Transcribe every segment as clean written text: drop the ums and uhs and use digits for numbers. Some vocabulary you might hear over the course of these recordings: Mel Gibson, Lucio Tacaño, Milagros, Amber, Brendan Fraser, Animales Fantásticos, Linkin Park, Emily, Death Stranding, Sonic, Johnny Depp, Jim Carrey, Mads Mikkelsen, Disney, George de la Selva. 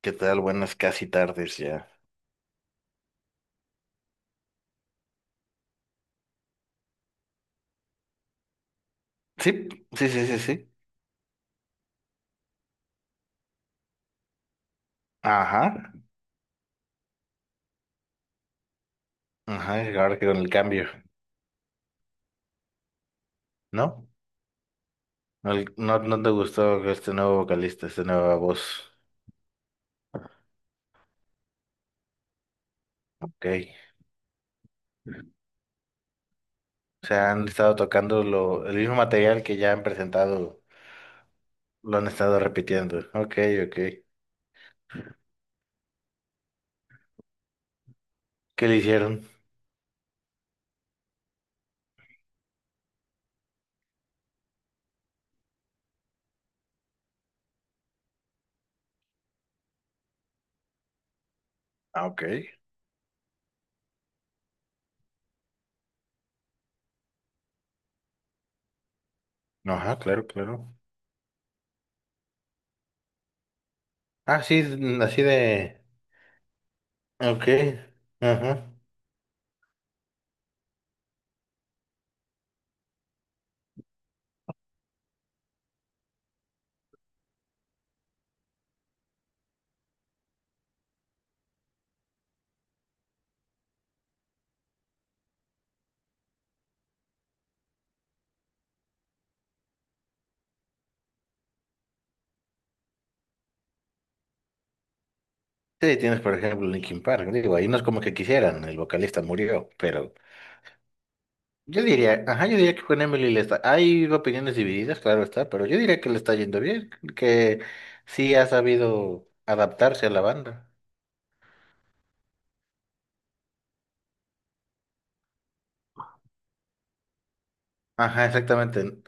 ¿Qué tal? Buenas casi tardes ya. Sí, sí, sí, sí, sí. Ajá, ajá, y ahora que con el cambio, ¿no? No, no, no te gustó este nuevo vocalista, esta nueva voz. Ok. O sea, han estado tocando el mismo material que ya han presentado, lo han estado repitiendo. Ok, ok. ¿Qué le hicieron? Ah, ok. Ajá, claro, claro. Ah, sí, así de… Ok, ajá. Sí, tienes por ejemplo Linkin Park, digo, ahí no es como que quisieran, el vocalista murió, pero… Yo diría, ajá, yo diría que con Emily le está, hay opiniones divididas, claro está, pero yo diría que le está yendo bien, que sí ha sabido adaptarse a la banda. Ajá, exactamente.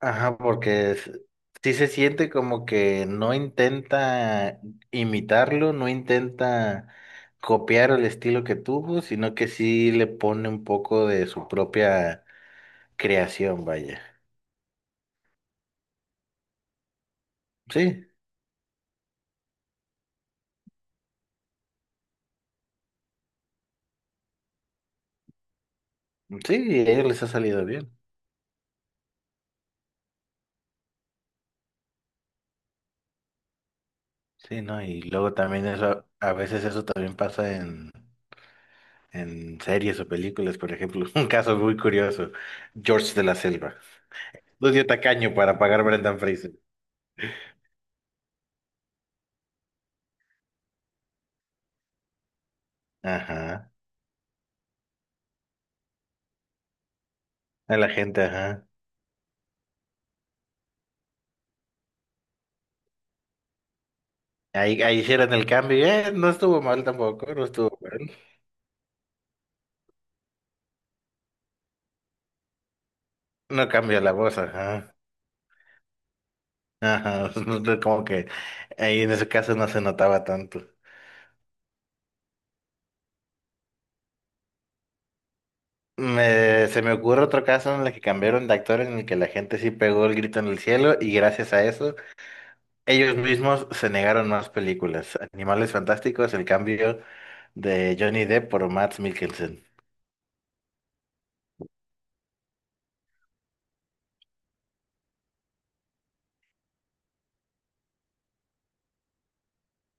Ajá, sí se siente como que no intenta imitarlo, no intenta copiar el estilo que tuvo, sino que sí le pone un poco de su propia creación, vaya. Sí, sí, y a ellos les ha salido bien. Sí, ¿no? Y luego también eso, a veces eso también pasa en series o películas, por ejemplo. Un caso muy curioso, George de la Selva. Lucio Tacaño para pagar Brendan Fraser. Ajá, a la gente, ajá. Ahí hicieron el cambio, y, no estuvo mal tampoco, no estuvo mal. No cambió la voz, ajá. Ajá, como que ahí en ese caso no se notaba tanto. Se me ocurre otro caso en el que cambiaron de actor en el que la gente sí pegó el grito en el cielo y gracias a eso ellos mismos se negaron más películas. Animales Fantásticos, el cambio de Johnny Depp por Mads Mikkelsen.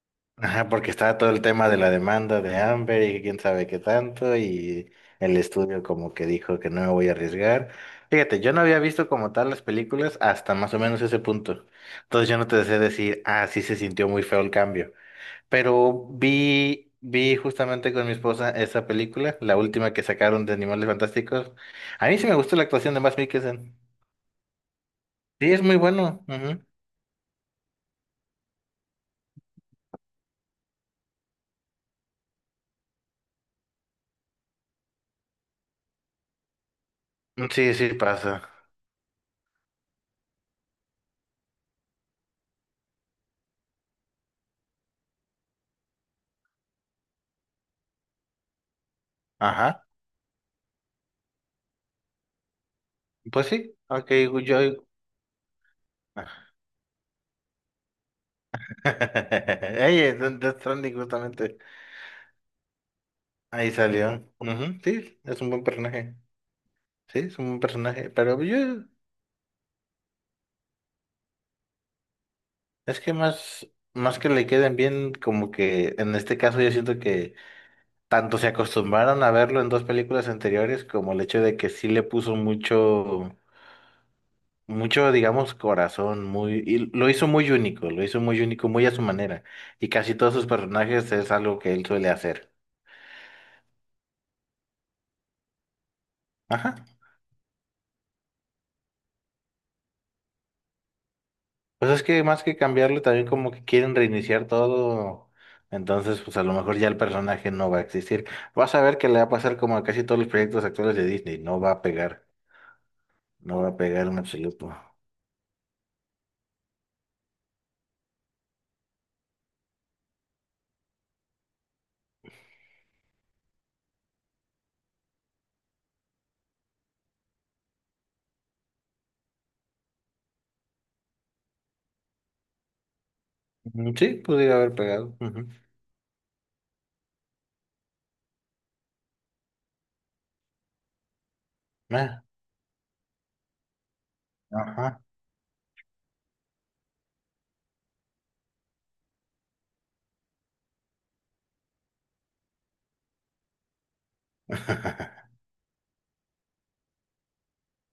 Ajá, porque estaba todo el tema de la demanda de Amber y quién sabe qué tanto, y el estudio como que dijo que no me voy a arriesgar. Fíjate, yo no había visto como tal las películas hasta más o menos ese punto. Entonces yo no te sé decir, ah, sí se sintió muy feo el cambio. Pero vi justamente con mi esposa esa película, la última que sacaron de Animales Fantásticos. A mí sí me gustó la actuación de Mads Mikkelsen. Sí, es muy bueno. Ujú. Sí, sí, pasa. Ajá. Pues sí, ok, yo… Ey, Death Stranding justamente. Ahí salió. Ujú. Sí, es un buen personaje. Sí, es un buen personaje. Pero yo, es que más que le queden bien, como que en este caso yo siento que tanto se acostumbraron a verlo en dos películas anteriores como el hecho de que sí le puso mucho. Mucho, digamos, corazón, muy, y lo hizo muy único, lo hizo muy único, muy a su manera. Y casi todos sus personajes es algo que él suele hacer. Ajá. Pues es que más que cambiarlo, también como que quieren reiniciar todo. Entonces, pues a lo mejor ya el personaje no va a existir. Vas a ver que le va a pasar como a casi todos los proyectos actuales de Disney. No va a pegar. No va a pegar en absoluto. Mm, sí, pudiera haber pegado. Ujú. Ah, ajá.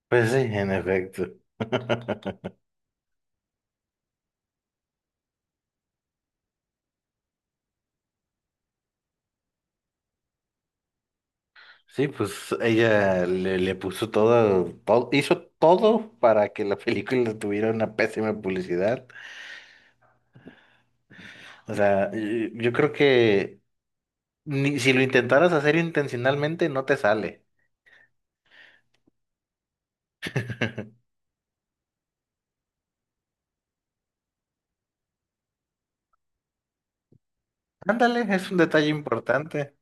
Pues sí, en efecto. Sí, pues ella le puso todo, hizo todo para que la película tuviera una pésima publicidad. O sea, yo creo que ni, si lo intentaras hacer intencionalmente, no te sale. Ándale, es un detalle importante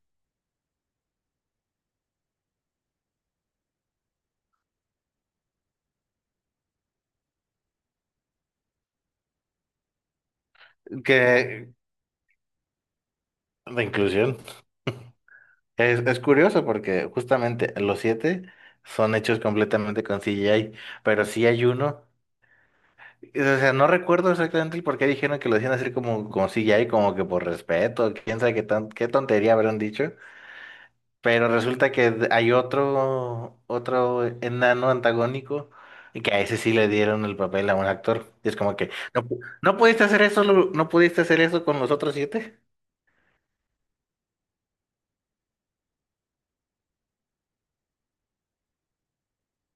que de inclusión. Es curioso porque justamente los siete son hechos completamente con CGI, pero sí hay uno. O sea, no recuerdo exactamente el por qué dijeron que lo hacían así como, como si ya y como que por respeto, quién sabe qué tan, qué tontería habrán dicho. Pero resulta que hay otro, otro enano antagónico y que a ese sí le dieron el papel a un actor. Y es como que, no, no pudiste hacer eso, no pudiste hacer eso con los otros siete.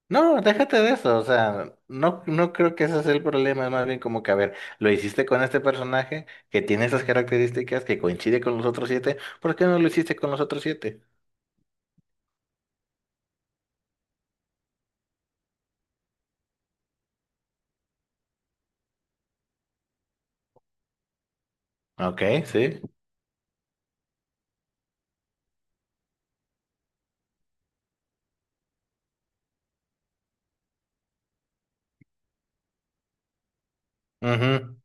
No, déjate de eso. O sea, no, no creo que ese sea el problema. Es más bien como que, a ver, lo hiciste con este personaje que tiene esas características que coincide con los otros siete. ¿Por qué no lo hiciste con los otros siete? Ok, sí. Ujú.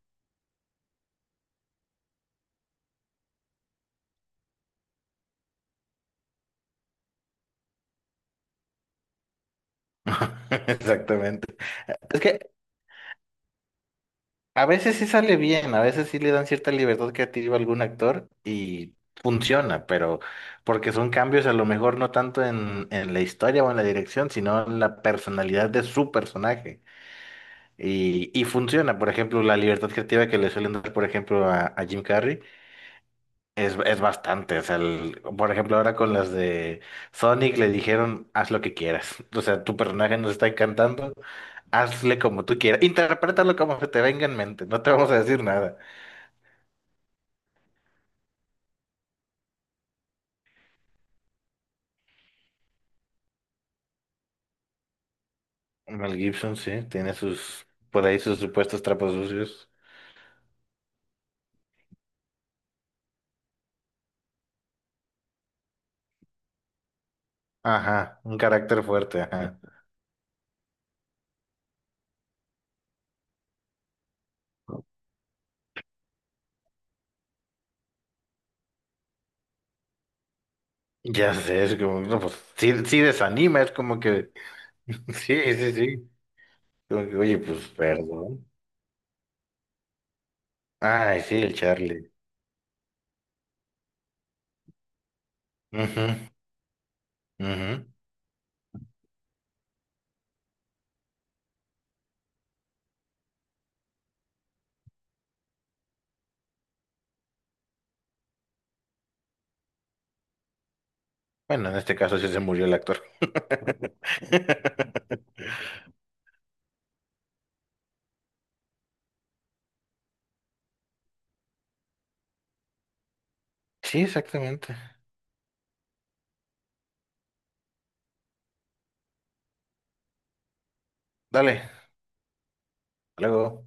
Exactamente. Es que a veces sí sale bien, a veces sí le dan cierta libertad creativa a algún actor y funciona, pero porque son cambios a lo mejor no tanto en la historia o en la dirección, sino en la personalidad de su personaje. Y funciona, por ejemplo, la libertad creativa que le suelen dar, por ejemplo, a Jim Carrey. Es bastante, o sea, por ejemplo, ahora con las de Sonic le dijeron, haz lo que quieras. O sea, tu personaje nos está encantando, hazle como tú quieras, interprétalo como se te venga en mente, no te vamos a decir nada. Mel Gibson, sí, tiene sus, por ahí sus supuestos trapos sucios. Ajá, un carácter fuerte, ajá. Ya sé, es como, no, pues, sí, sí desanima, es como que, sí, sí, sí. Como que, oye, pues, perdón. Ay, sí, el Charlie. Ujú, ujú. Bueno, en este caso sí se murió el actor. Sí, exactamente. Dale, hasta luego.